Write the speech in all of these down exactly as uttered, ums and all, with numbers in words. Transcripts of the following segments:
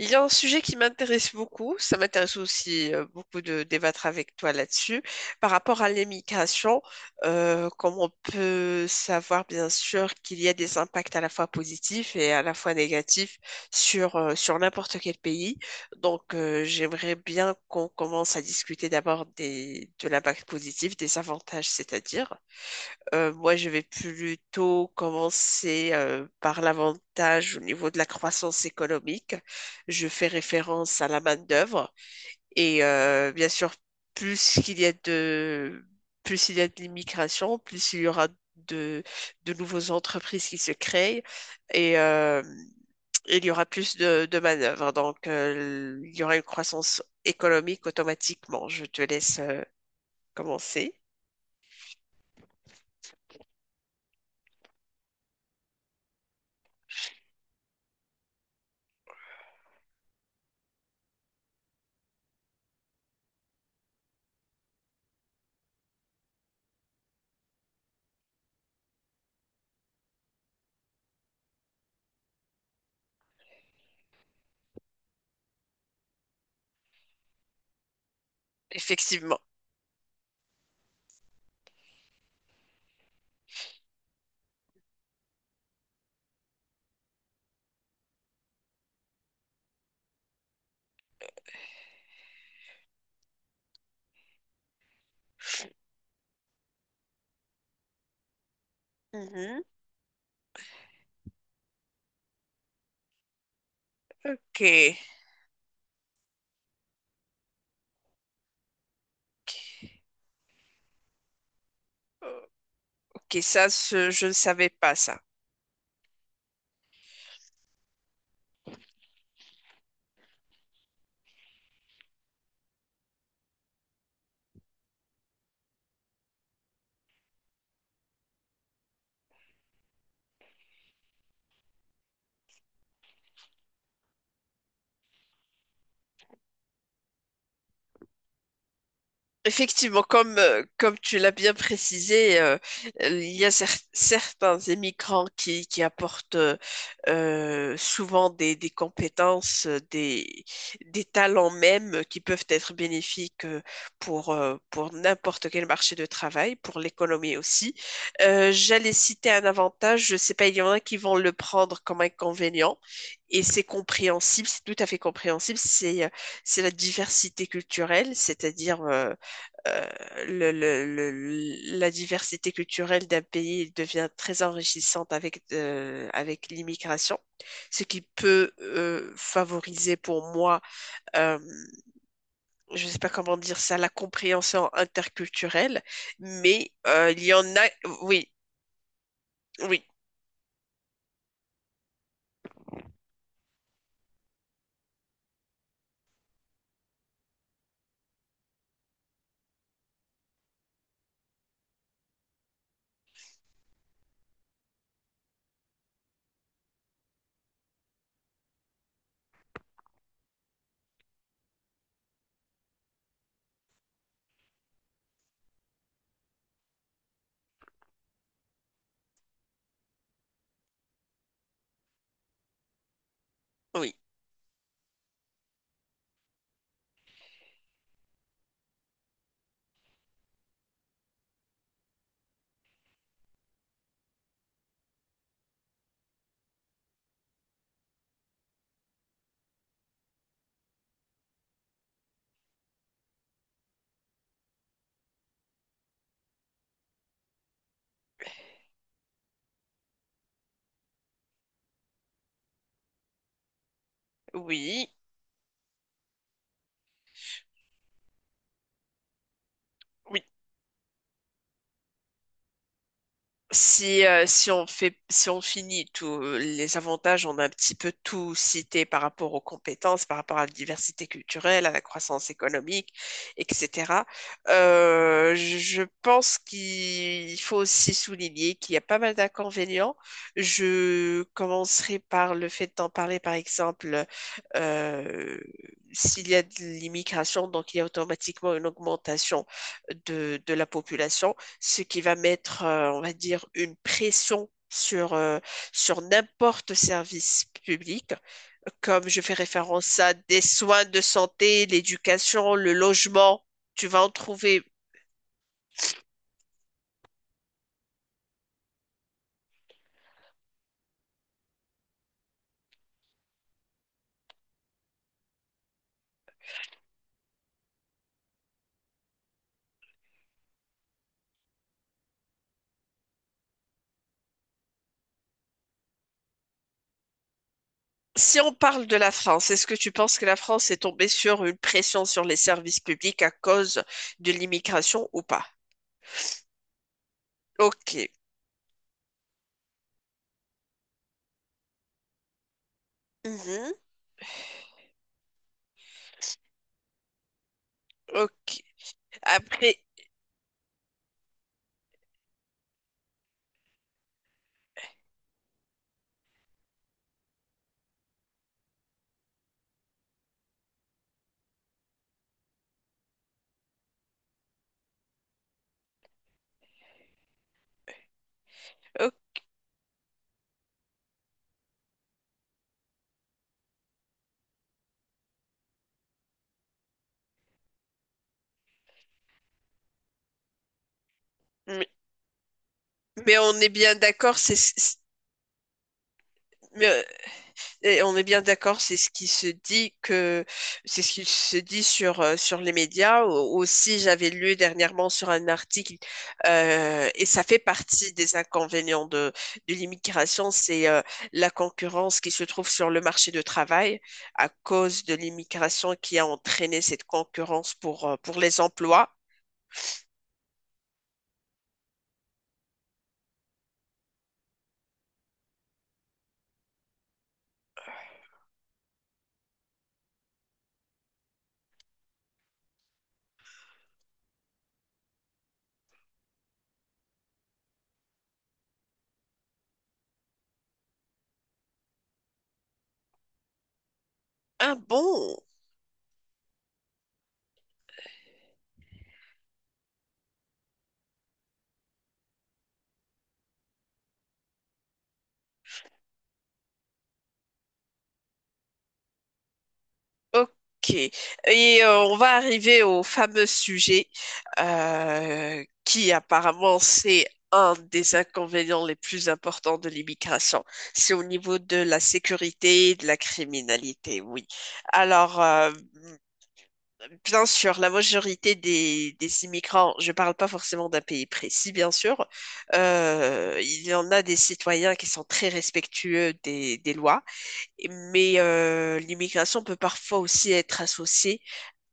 Il y a un sujet qui m'intéresse beaucoup, ça m'intéresse aussi euh, beaucoup de débattre avec toi là-dessus, par rapport à l'immigration. Euh, comme on peut savoir, bien sûr qu'il y a des impacts à la fois positifs et à la fois négatifs sur, euh, sur n'importe quel pays. Donc euh, j'aimerais bien qu'on commence à discuter d'abord des, de l'impact positif, des avantages, c'est-à-dire. Euh, moi, je vais plutôt commencer euh, par l'avantage au niveau de la croissance économique. Je fais référence à la main-d'œuvre. Et euh, bien sûr, plus qu'il y a de, plus il y a de l'immigration, plus il y aura de, de nouvelles entreprises qui se créent. Et euh, il y aura plus de, de manœuvres. Donc, euh, il y aura une croissance économique automatiquement. Je te laisse euh, commencer. Effectivement. Mhm. Ok. Ok, ok, ça, ce- je ne savais pas ça. Effectivement, comme, euh, comme tu l'as bien précisé, euh, euh, il y a cer- certains immigrants qui, qui apportent euh, euh, souvent des, des compétences, euh, des, des talents même euh, qui peuvent être bénéfiques euh, pour, euh, pour n'importe quel marché de travail, pour l'économie aussi. Euh, j'allais citer un avantage, je sais pas, il y en a qui vont le prendre comme inconvénient. Et c'est compréhensible, c'est tout à fait compréhensible, c'est euh, c'est la diversité culturelle, c'est-à-dire euh, euh, le- le- le- la diversité culturelle d'un pays devient très enrichissante avec, euh, avec l'immigration, ce qui peut euh, favoriser, pour moi, euh, je ne sais pas comment dire ça, la compréhension interculturelle, mais euh, il y en a, oui, oui, oui, oui, oui. Si, euh, si on fait, si on finit tous les avantages, on a un petit peu tout cité par rapport aux compétences, par rapport à la diversité culturelle, à la croissance économique, et cétéra. Euh, je pense qu'il faut aussi souligner qu'il y a pas mal d'inconvénients. Je commencerai par le fait d'en parler, par exemple, euh, s'il y a de l'immigration, donc il y a automatiquement une augmentation de, de la population, ce qui va mettre, euh, on va dire, une pression sur, euh, sur n'importe service public, comme je fais référence à des soins de santé, l'éducation, le logement, tu vas en trouver. Si on parle de la France, est-ce que tu penses que la France est tombée sur une pression sur les services publics à cause de l'immigration ou pas? Ok. Mhm. Ok. Après, ok. mais mais on est bien d'accord, c'est, et on est bien d'accord, c'est ce qui se dit que c'est ce qui se dit sur euh, sur les médias. Au- Aussi, j'avais lu dernièrement sur un article euh, et ça fait partie des inconvénients de de l'immigration, c'est euh, la concurrence qui se trouve sur le marché de travail à cause de l'immigration qui a entraîné cette concurrence pour euh, pour les emplois. Ah bon? Ok. Et euh, on va arriver au fameux sujet euh, qui apparemment c'est un des inconvénients les plus importants de l'immigration. C'est au niveau de la sécurité et de la criminalité, oui. Alors, euh, bien sûr, la majorité des, des immigrants, je ne parle pas forcément d'un pays précis, bien sûr, euh, il y en a des citoyens qui sont très respectueux des, des lois, mais euh, l'immigration peut parfois aussi être associée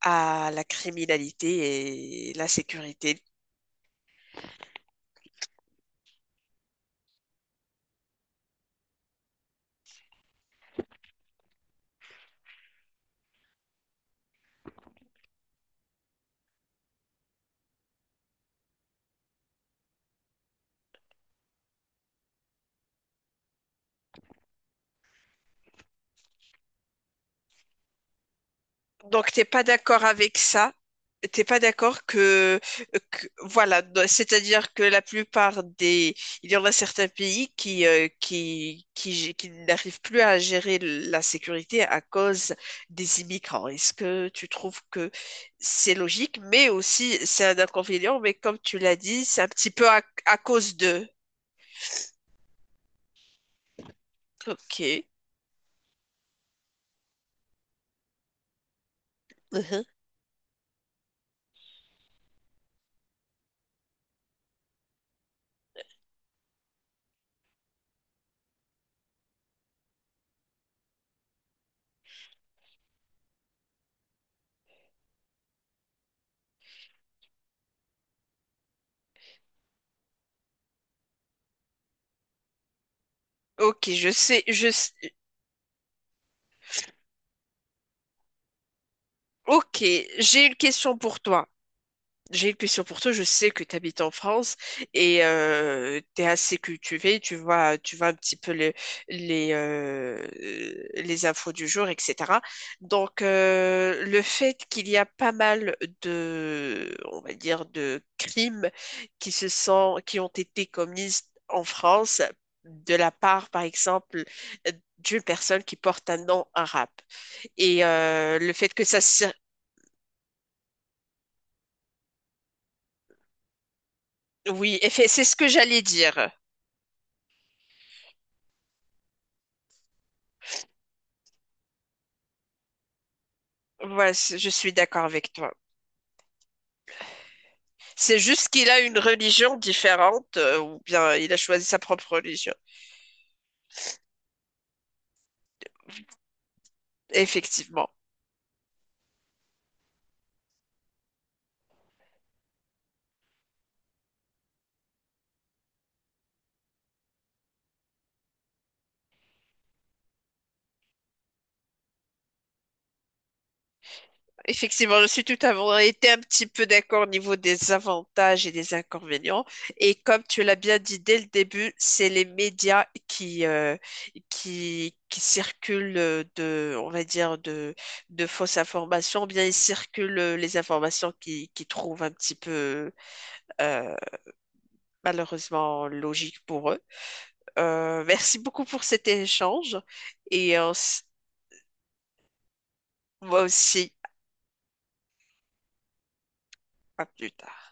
à la criminalité et la sécurité. Donc, t'es pas d'accord avec ça? T'es pas d'accord que, que- voilà, do- c'est-à-dire que la plupart des, il y en a certains pays qui euh, qui qui, gé- qui n'arrivent plus à gérer la sécurité à cause des immigrants. Est-ce que tu trouves que c'est logique, mais aussi c'est un inconvénient, mais comme tu l'as dit, c'est un petit peu à, à cause de. Ok, mhm, ok, je sais, je sais. Ok, j'ai une question pour toi. J'ai une question pour toi. Je sais que tu habites en France et tu es assez cultivé. Tu vois, tu vois un petit peu les les, euh, les infos du jour, et cétéra. Donc, euh, le fait qu'il y a pas mal de, on va dire, de crimes qui se sont, qui ont été commis en France de la part, par exemple, d'une personne qui porte un nom arabe. Et euh, le fait que ça... se- Oui, effet- c'est ce que j'allais dire. Ouais, c'est- je suis d'accord avec toi. C'est juste qu'il a une religion différente, euh, ou bien il a choisi sa propre religion. Effectivement. Effectivement, je suis tout à fait été un petit peu d'accord au niveau des avantages et des inconvénients. Et comme tu l'as bien dit dès le début, c'est les médias qui, euh, qui, qui circulent euh, de, on va dire, de, de fausses informations, bien ils circulent euh, les informations qui, qui trouvent un petit peu, euh, malheureusement, logiques pour eux. Euh, merci beaucoup pour cet échange et euh, moi aussi, à plus tard.